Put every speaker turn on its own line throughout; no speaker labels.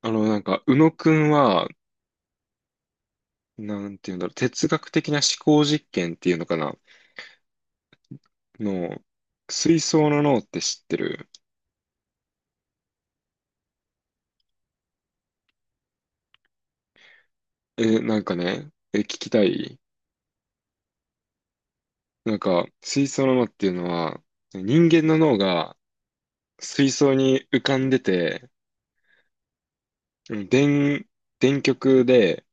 宇野くんは、なんていうんだろう、哲学的な思考実験っていうのかな、の、水槽の脳って知ってる？え、なんかね、え、聞きたい。水槽の脳っていうのは、人間の脳が水槽に浮かんでて、うん電、電極で、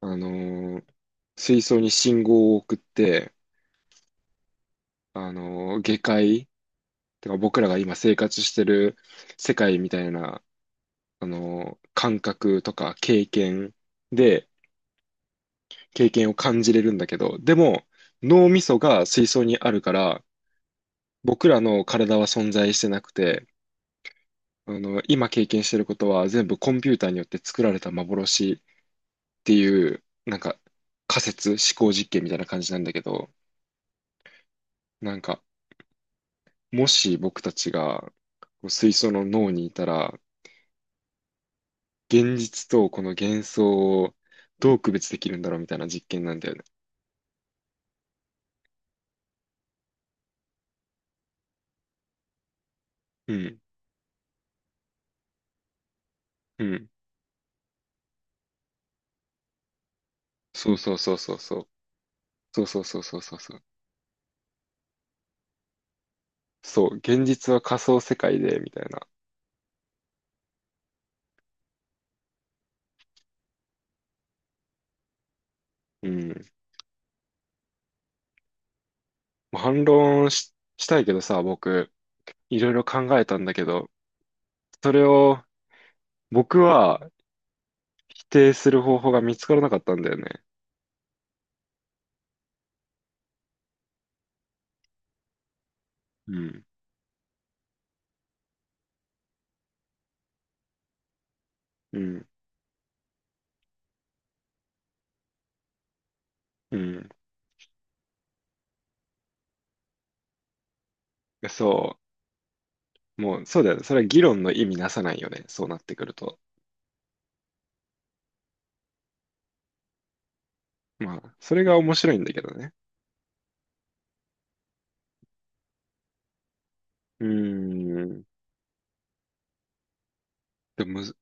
あのー水槽に信号を送って、あのー下界、てか僕らが今生活してる世界みたいな、あの、感覚とか経験で、経験を感じれるんだけど、でも、脳みそが水槽にあるから、僕らの体は存在してなくて、あの、今経験してることは全部コンピューターによって作られた幻っていう、仮説、思考実験みたいな感じなんだけど、なんか、もし僕たちがこう水槽の脳にいたら、現実とこの幻想をどう区別できるんだろうみたいな実験なんだよね。うん。うん。そうそうそうそうそう。そうそうそうそうそうそう。そう、現実は仮想世界で、みたいな。うん。もう反論し、したいけどさ、僕、いろいろ考えたんだけど、それを僕は否定する方法が見つからなかったんだよね。うん。うん。うん。そう。もう、そうだよね。それは議論の意味なさないよね。そうなってくると。まあ、それが面白いんだけどね。うーん。でもむず、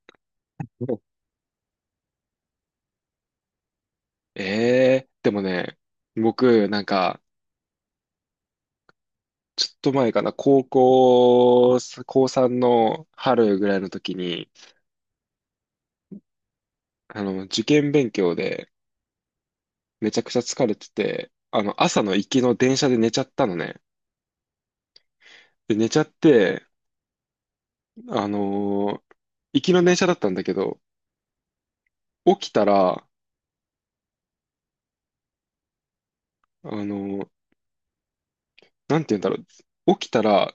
ええー、でもね、僕、ちょっと前かな、高3の春ぐらいの時に、あの、受験勉強でめちゃくちゃ疲れてて、あの、朝の行きの電車で寝ちゃったのね。で、寝ちゃって、あのー行きの電車だったんだけど、起きたら、あのーなんて言うんだろう。起きたら、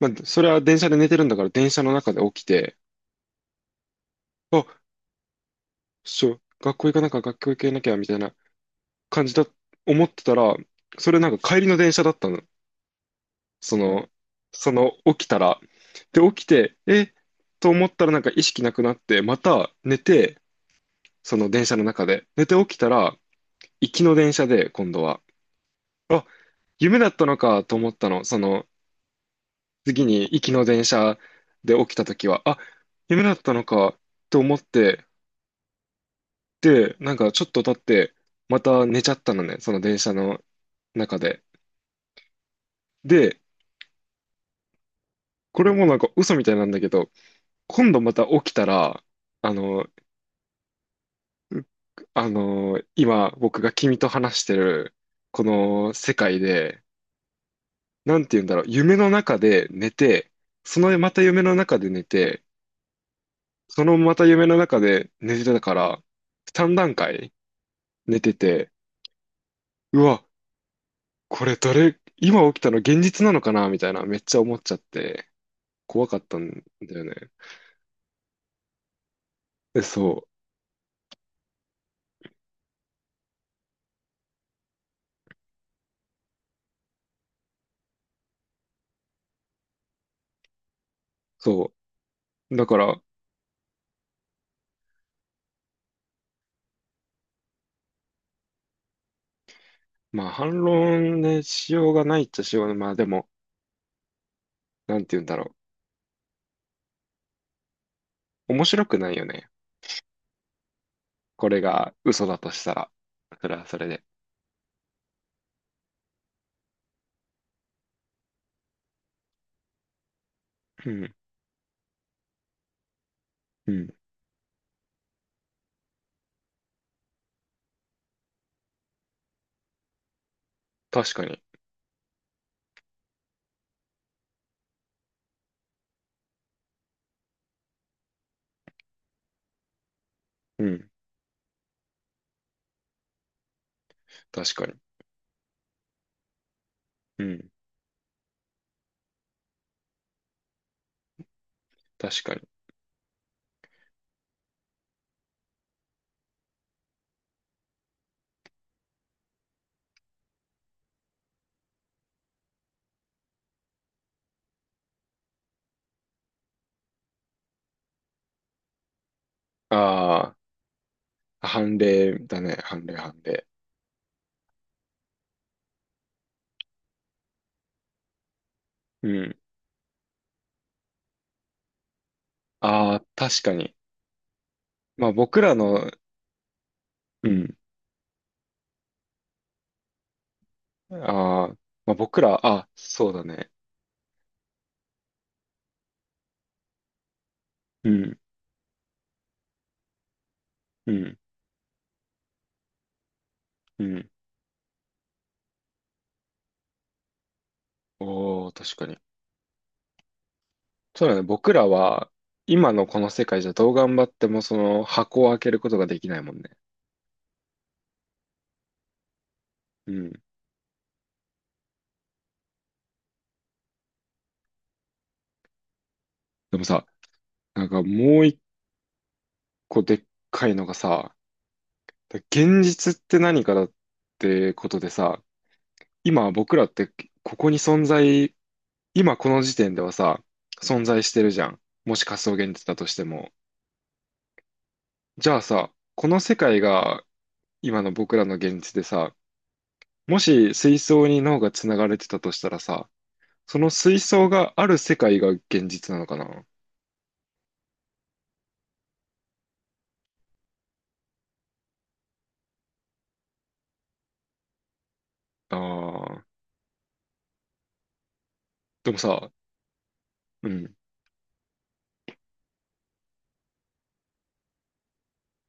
まあ、それは電車で寝てるんだから電車の中で起きて、あ、学校行かなきゃ、学校行けなきゃ、みたいな感じだ、思ってたら、それなんか帰りの電車だったの。その、その起きたら。で、起きて、えと思ったらなんか意識なくなって、また寝て、その電車の中で。寝て起きたら、行きの電車で、今度は。あ、夢だったのかと思ったの。その、次に行きの電車で起きた時は、あ、夢だったのかと思って、で、なんかちょっと経って、また寝ちゃったのね、その電車の中で。で、これもなんか嘘みたいなんだけど、今度また起きたら、あの、う今僕が君と話してるこの世界で、なんて言うんだろう、夢の中で寝て、そのまた夢の中で寝て、そのまた夢の中で寝てたから、3段階寝てて、うわ、これどれ、今起きたの現実なのかなみたいな、めっちゃ思っちゃって、怖かったんだよね。え、そう、そう。だから、まあ反論ね、しようがないっちゃしようがない。まあでも、なんて言うんだろう。面白くないよね。これが嘘だとしたら、それはそれで。うん、うん、確かに。うん、確かに。うん、確かに。ああ、判例だね、判例、判例。うん、ああ、確かに。まあ僕らの、うん、ああ、まあ僕ら、あ、そうだね。うん、うん、うん。おお、確かに。そうだね、僕らは、今のこの世界じゃどう頑張ってもその箱を開けることができないもんね。うん。でもさ、なんかもう一個でっかいのがさ、だ現実って何かだってことでさ、今僕らってここに存在、今この時点ではさ、存在してるじゃん。もし仮想現実だとしても。じゃあさ、この世界が今の僕らの現実でさ、もし水槽に脳が繋がれてたとしたらさ、その水槽がある世界が現実なのかな？ああー、でもさ、うん、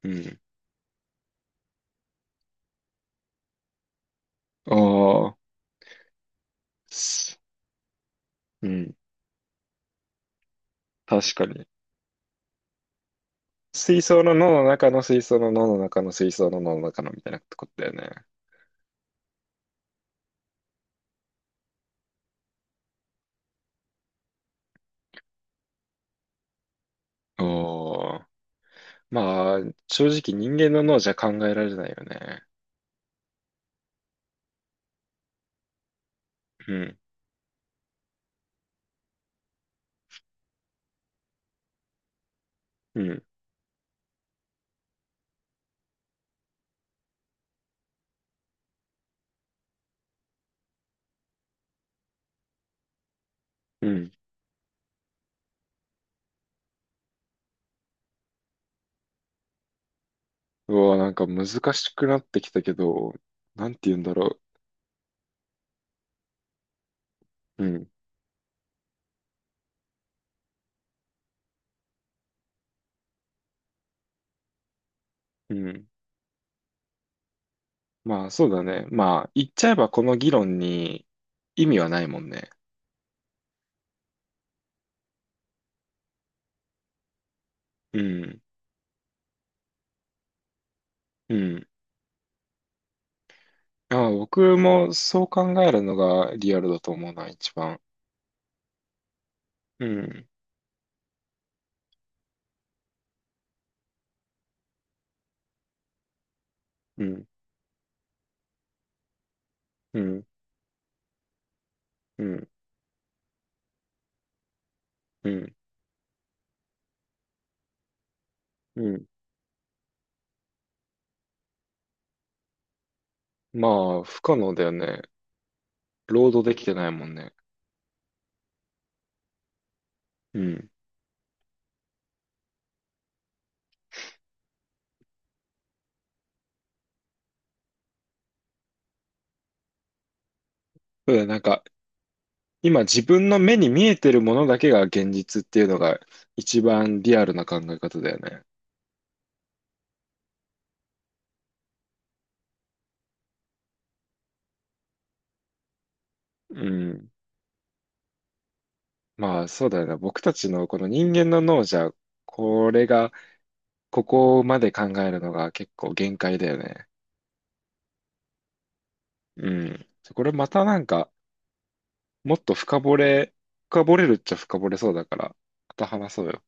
うん、ああ、すうん、確かに。水槽の脳の中の水槽の脳の中の水槽の脳の中のみたいなことだよね。おー。まあ、正直人間の脳じゃ考えられないよね。うん、うん、うん。うわ、なんか難しくなってきたけど、なんて言うんだろう。うん、うん。まあ、そうだね。まあ、言っちゃえばこの議論に意味はないもんね。うん、うん。あ僕もそう考えるのがリアルだと思うな、一番。うん、うん、うん、うん、うん。うんまあ、不可能だよね。労働できてないもんね。うん。そうだよね、なんか、今自分の目に見えてるものだけが現実っていうのが一番リアルな考え方だよね。うん。まあ、そうだよね。僕たちのこの人間の脳じゃ、これが、ここまで考えるのが結構限界だよね。うん。これまたなんか、もっと深掘れ、深掘れるっちゃ深掘れそうだから、また話そうよ。